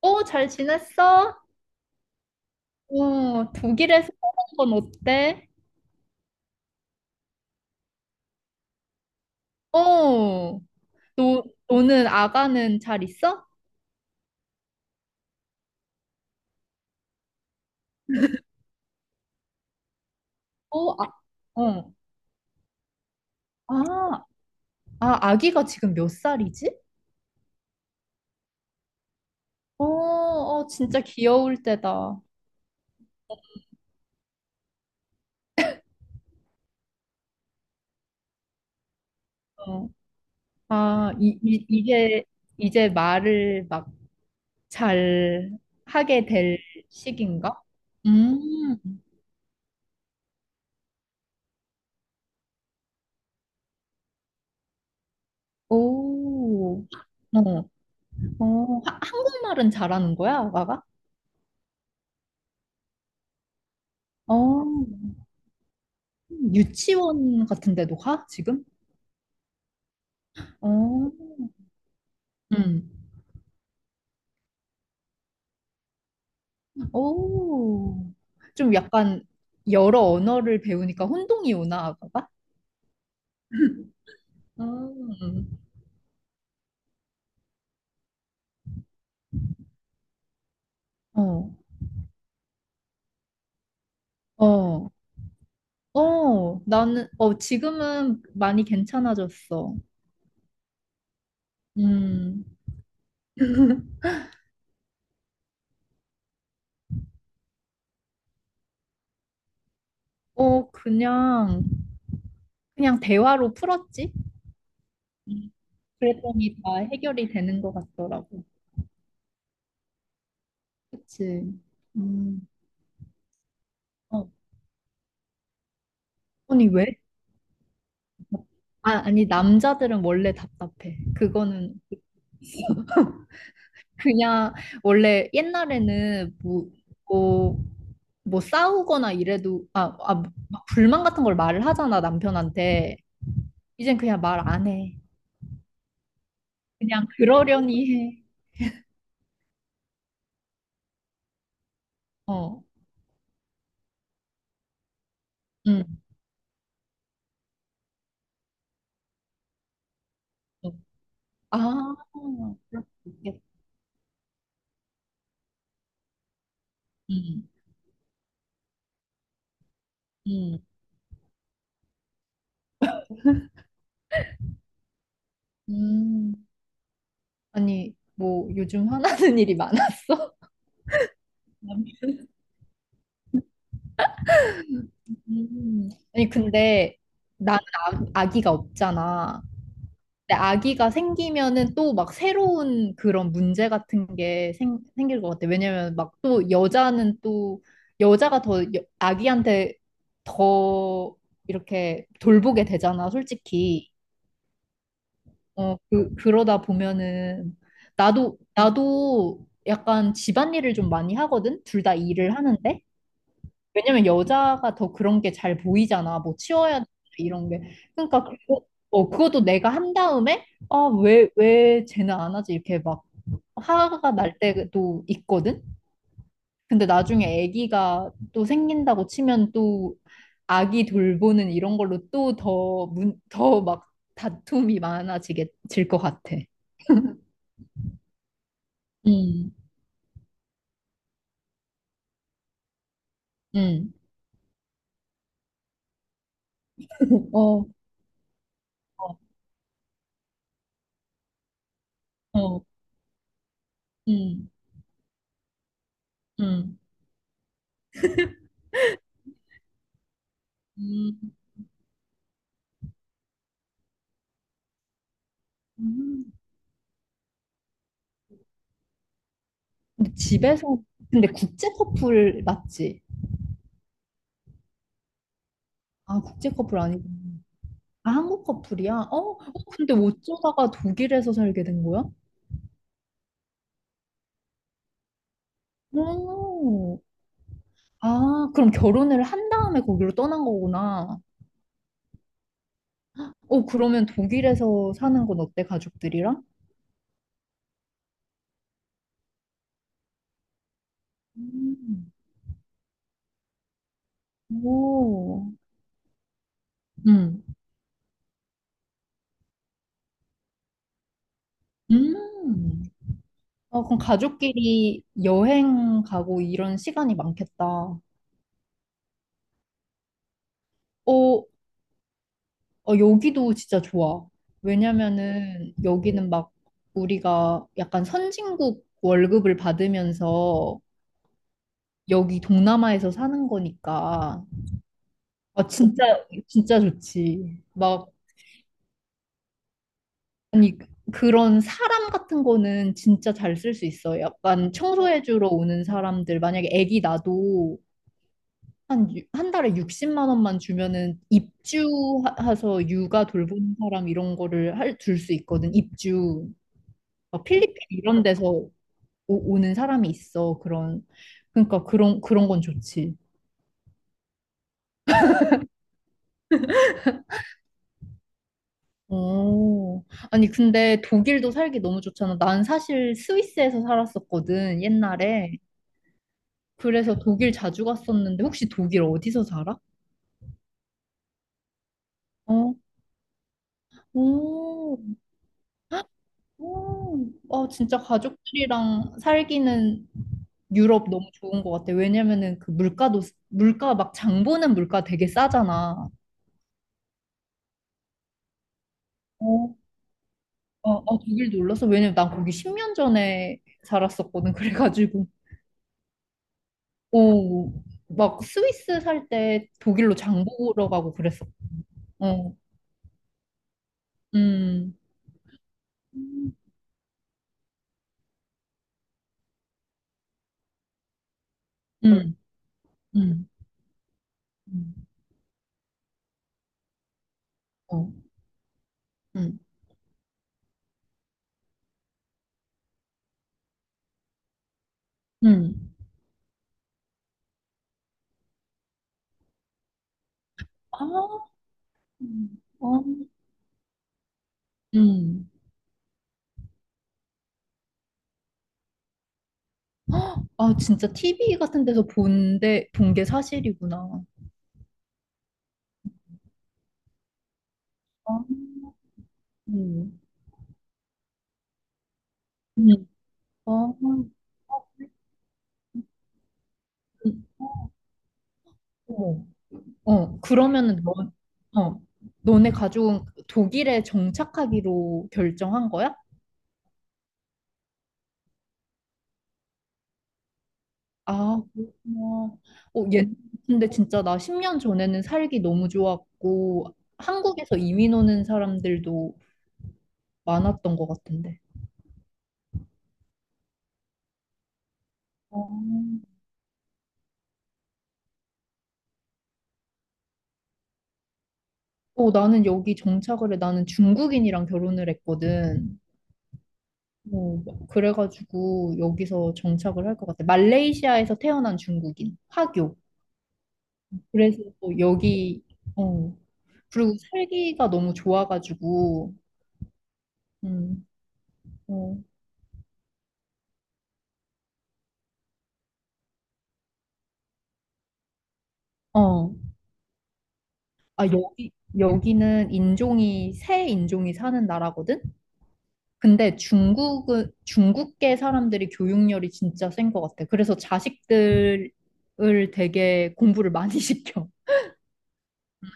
어, 잘 지냈어? 어, 독일에서 사는 건 어때? 어, 너, 너는 아가는 잘 있어? 어, 아, 어. 아, 아기가 지금 몇 살이지? 어, 진짜 귀여울 때다. 어. 아, 이게 이제 말을 막 잘 하게 될 시기인가? 음, 오, 어, 어, 한국말은 잘하는 거야, 아가가? 어. 유치원 같은 데도 가? 지금? 어, 음. 오. 좀 약간 여러 언어를 배우니까 혼동이 오나, 봐? 빠 음. 어, 어, 나는, 어, 지금은 많이 괜찮아졌어. 음, 어, 그냥 대화로 풀었지? 음, 그랬더니 다 해결이 되는 것 같더라고. 그치? 음, 어. 아니, 왜? 아, 아니, 남자들은 원래 답답해. 그거는 그냥 원래 옛날에는 뭐, 뭐, 싸우거나 이래도 막 불만 같은 걸 말을 하잖아, 남편한테. 이젠 그냥 말 안 해. 그냥 그러려니 해. 어, 응. 어. 아, 그럴 수 있겠다. 응, 응, 음. 아니, 뭐 요즘 화나는 일이 많았어? 음. 아니, 근데 나는 아, 아기가 없잖아. 근데 아기가 생기면은 또 막 새로운 그런 문제 같은 게 생길 것 같아. 왜냐면 막 또 여자는 또 여자가 더 아기한테 더 이렇게 돌보게 되잖아, 솔직히. 어, 그, 그러다 보면은 나도 약간 집안일을 좀 많이 하거든? 둘 다 일을 하는데. 왜냐면 여자가 더 그런 게 잘 보이잖아. 뭐 치워야 돼, 이런 게. 그러니까 그거, 어, 그것도 내가 한 다음에 아, 왜 쟤는 안 하지? 이렇게 막 화가 날 때도 있거든. 근데 나중에 아기가 또 생긴다고 치면 또 아기 돌보는 이런 걸로 또 더 더 막 다툼이 많아지게 질 것 같아. 음, 음, 어, 어, 어, 음, 음, 음. 음. 근데 집에서 근데 국제 커플 맞지? 아 국제 커플 아니고 아 한국 커플이야? 어? 어, 근데 어쩌다가 독일에서 살게 된 거야? 오, 아 그럼 결혼을 한 다음에 거기로 떠난 거구나. 어 그러면 독일에서 사는 건 어때 가족들이랑? 음, 오, 음, 음. 아 그럼 가족끼리 여행 가고 이런 시간이 많겠다. 어, 어, 여기도 진짜 좋아. 왜냐면은 여기는 막 우리가 약간 선진국 월급을 받으면서 여기 동남아에서 사는 거니까 아 진짜 진짜 좋지. 막 아니 그런 사람 같은 거는 진짜 잘 쓸 수 있어. 약간 청소해주러 오는 사람들 만약에 애기 나도 한 달에 60만 원만 주면은 입주해서 육아 돌보는 사람 이런 거를 둘 수 있거든. 입주. 막 필리핀 이런 데서 오는 사람이 있어. 그런 그러니까 그런 건 좋지. 오, 아니 근데 독일도 살기 너무 좋잖아. 난 사실 스위스에서 살았었거든 옛날에. 그래서 독일 자주 갔었는데 혹시 독일 어디서 살아? 어, 오, 헉, 오, 아 진짜 가족들이랑 살기는 유럽 너무 좋은 것 같아. 왜냐면은 그 물가도 물가 막 장 보는 물가 되게 싸잖아. 어. 독일 놀랐어. 왜냐면 난 거기 10년 전에 살았었거든. 그래가지고, 어, 막 스위스 살 때 독일로 장 보러 가고 그랬어. 어, 음, 음, 음, 음, 어, 음, 음. 아, 어, 음. 아, 진짜 TV 같은 데서 본 게 사실이구나. 아, 음, 음, 아, 음, 어머. 어, 그러면은 너, 어, 너네 가족은 독일에 정착하기로 결정한 거야? 아, 그렇구나. 어, 얘, 근데 진짜 나 10년 전에는 살기 너무 좋았고, 한국에서 이민 오는 사람들도 많았던 것 같은데. 어, 어, 나는 여기 정착을 해. 나는 중국인이랑 결혼을 했거든. 어, 그래가지고 여기서 정착을 할 것 같아. 말레이시아에서 태어난 중국인, 화교. 그래서 또 여기, 어, 그리고 살기가 너무 좋아가지고, 음, 어, 어. 아, 여기는 새 인종이 사는 나라거든? 중국계 사람들이 교육열이 진짜 센 것 같아. 그래서 자식들을 되게 공부를 많이 시켜.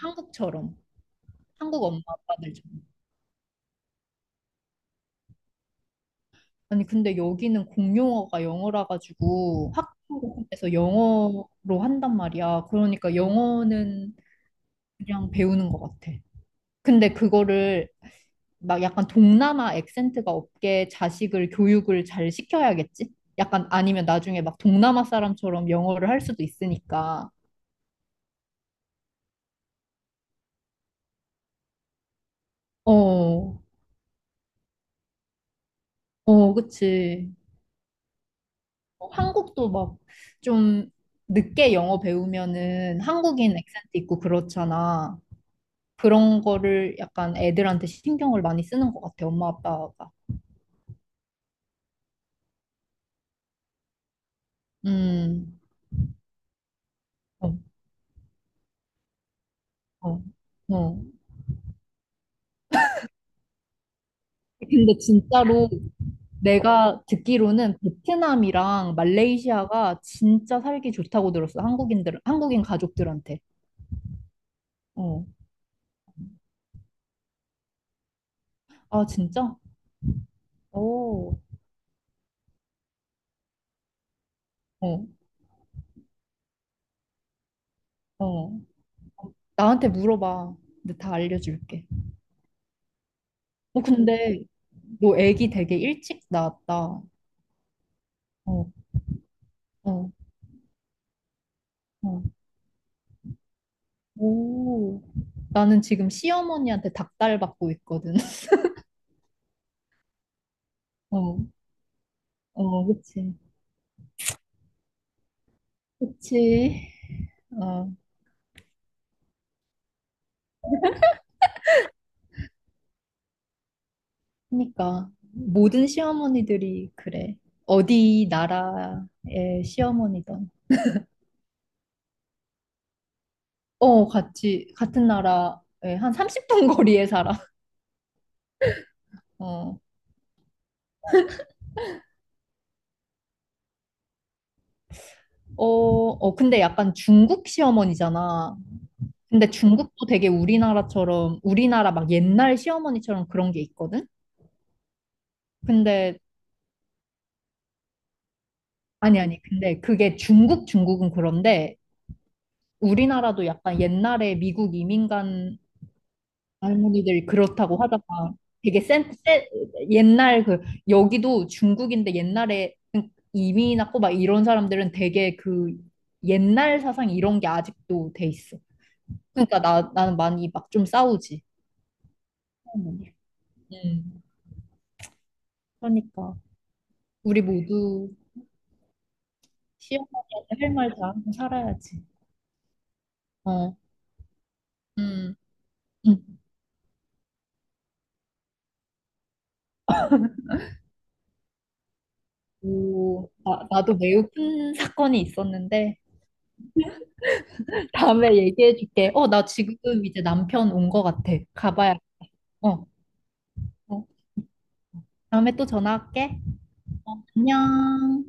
한국처럼. 한국 엄마 아빠들처럼. 아니, 근데 여기는 공용어가 영어라 가지고 학교에서 영어로 한단 말이야. 그러니까 영어는 그냥 배우는 것 같아. 근데 그거를 막 약간 동남아 액센트가 없게 자식을 교육을 잘 시켜야겠지? 약간 아니면 나중에 막 동남아 사람처럼 영어를 할 수도 있으니까. 어, 어, 그치. 어, 한국도 막 좀 늦게 영어 배우면은 한국인 액센트 있고 그렇잖아. 그런 거를 약간 애들한테 신경을 많이 쓰는 것 같아, 엄마 아빠가. 음, 어, 어, 어. 근데 진짜로 내가 듣기로는 베트남이랑 말레이시아가 진짜 살기 좋다고 들었어. 한국인 가족들한테. 어. 아, 진짜? 오. 어, 어. 나한테 물어봐. 근데 다 알려줄게. 어, 근데 너 애기 되게 일찍 낳았다. 어, 어, 어. 오. 나는 지금 시어머니한테 닭달 받고 있거든. 어, 어, 그치. 그치. 어. 그러니까 모든 시어머니들이 그래. 어디 나라의 시어머니든. 어, 같이 같은 나라에 한 30분 거리에 살아. 어. 어, 어, 근데 약간 중국 시어머니잖아. 근데 중국도 되게 우리나라처럼 우리나라 막 옛날 시어머니처럼 그런 게 있거든. 근데 아니. 근데 그게 중국 중국은 그런데 우리나라도 약간 옛날에 미국 이민간 할머니들이 그렇다고 하다가 되게 센 옛날 그 여기도 중국인데 옛날에 이민 왔고 막 이런 사람들은 되게 그 옛날 사상 이런 게 아직도 돼 있어. 그러니까 나 나는 많이 막 좀 싸우지. 할머니. 음. 그러니까 우리 모두 시어머니한테 할 말 다 하고 살아야지. 어. 음. 음. 오, 나도 매우 큰 사건이 있었는데 다음에 얘기해 줄게. 어, 나 지금 이제 남편 온 거 같아. 가봐야 어, 어. 다음에 또 전화할게. 어, 안녕.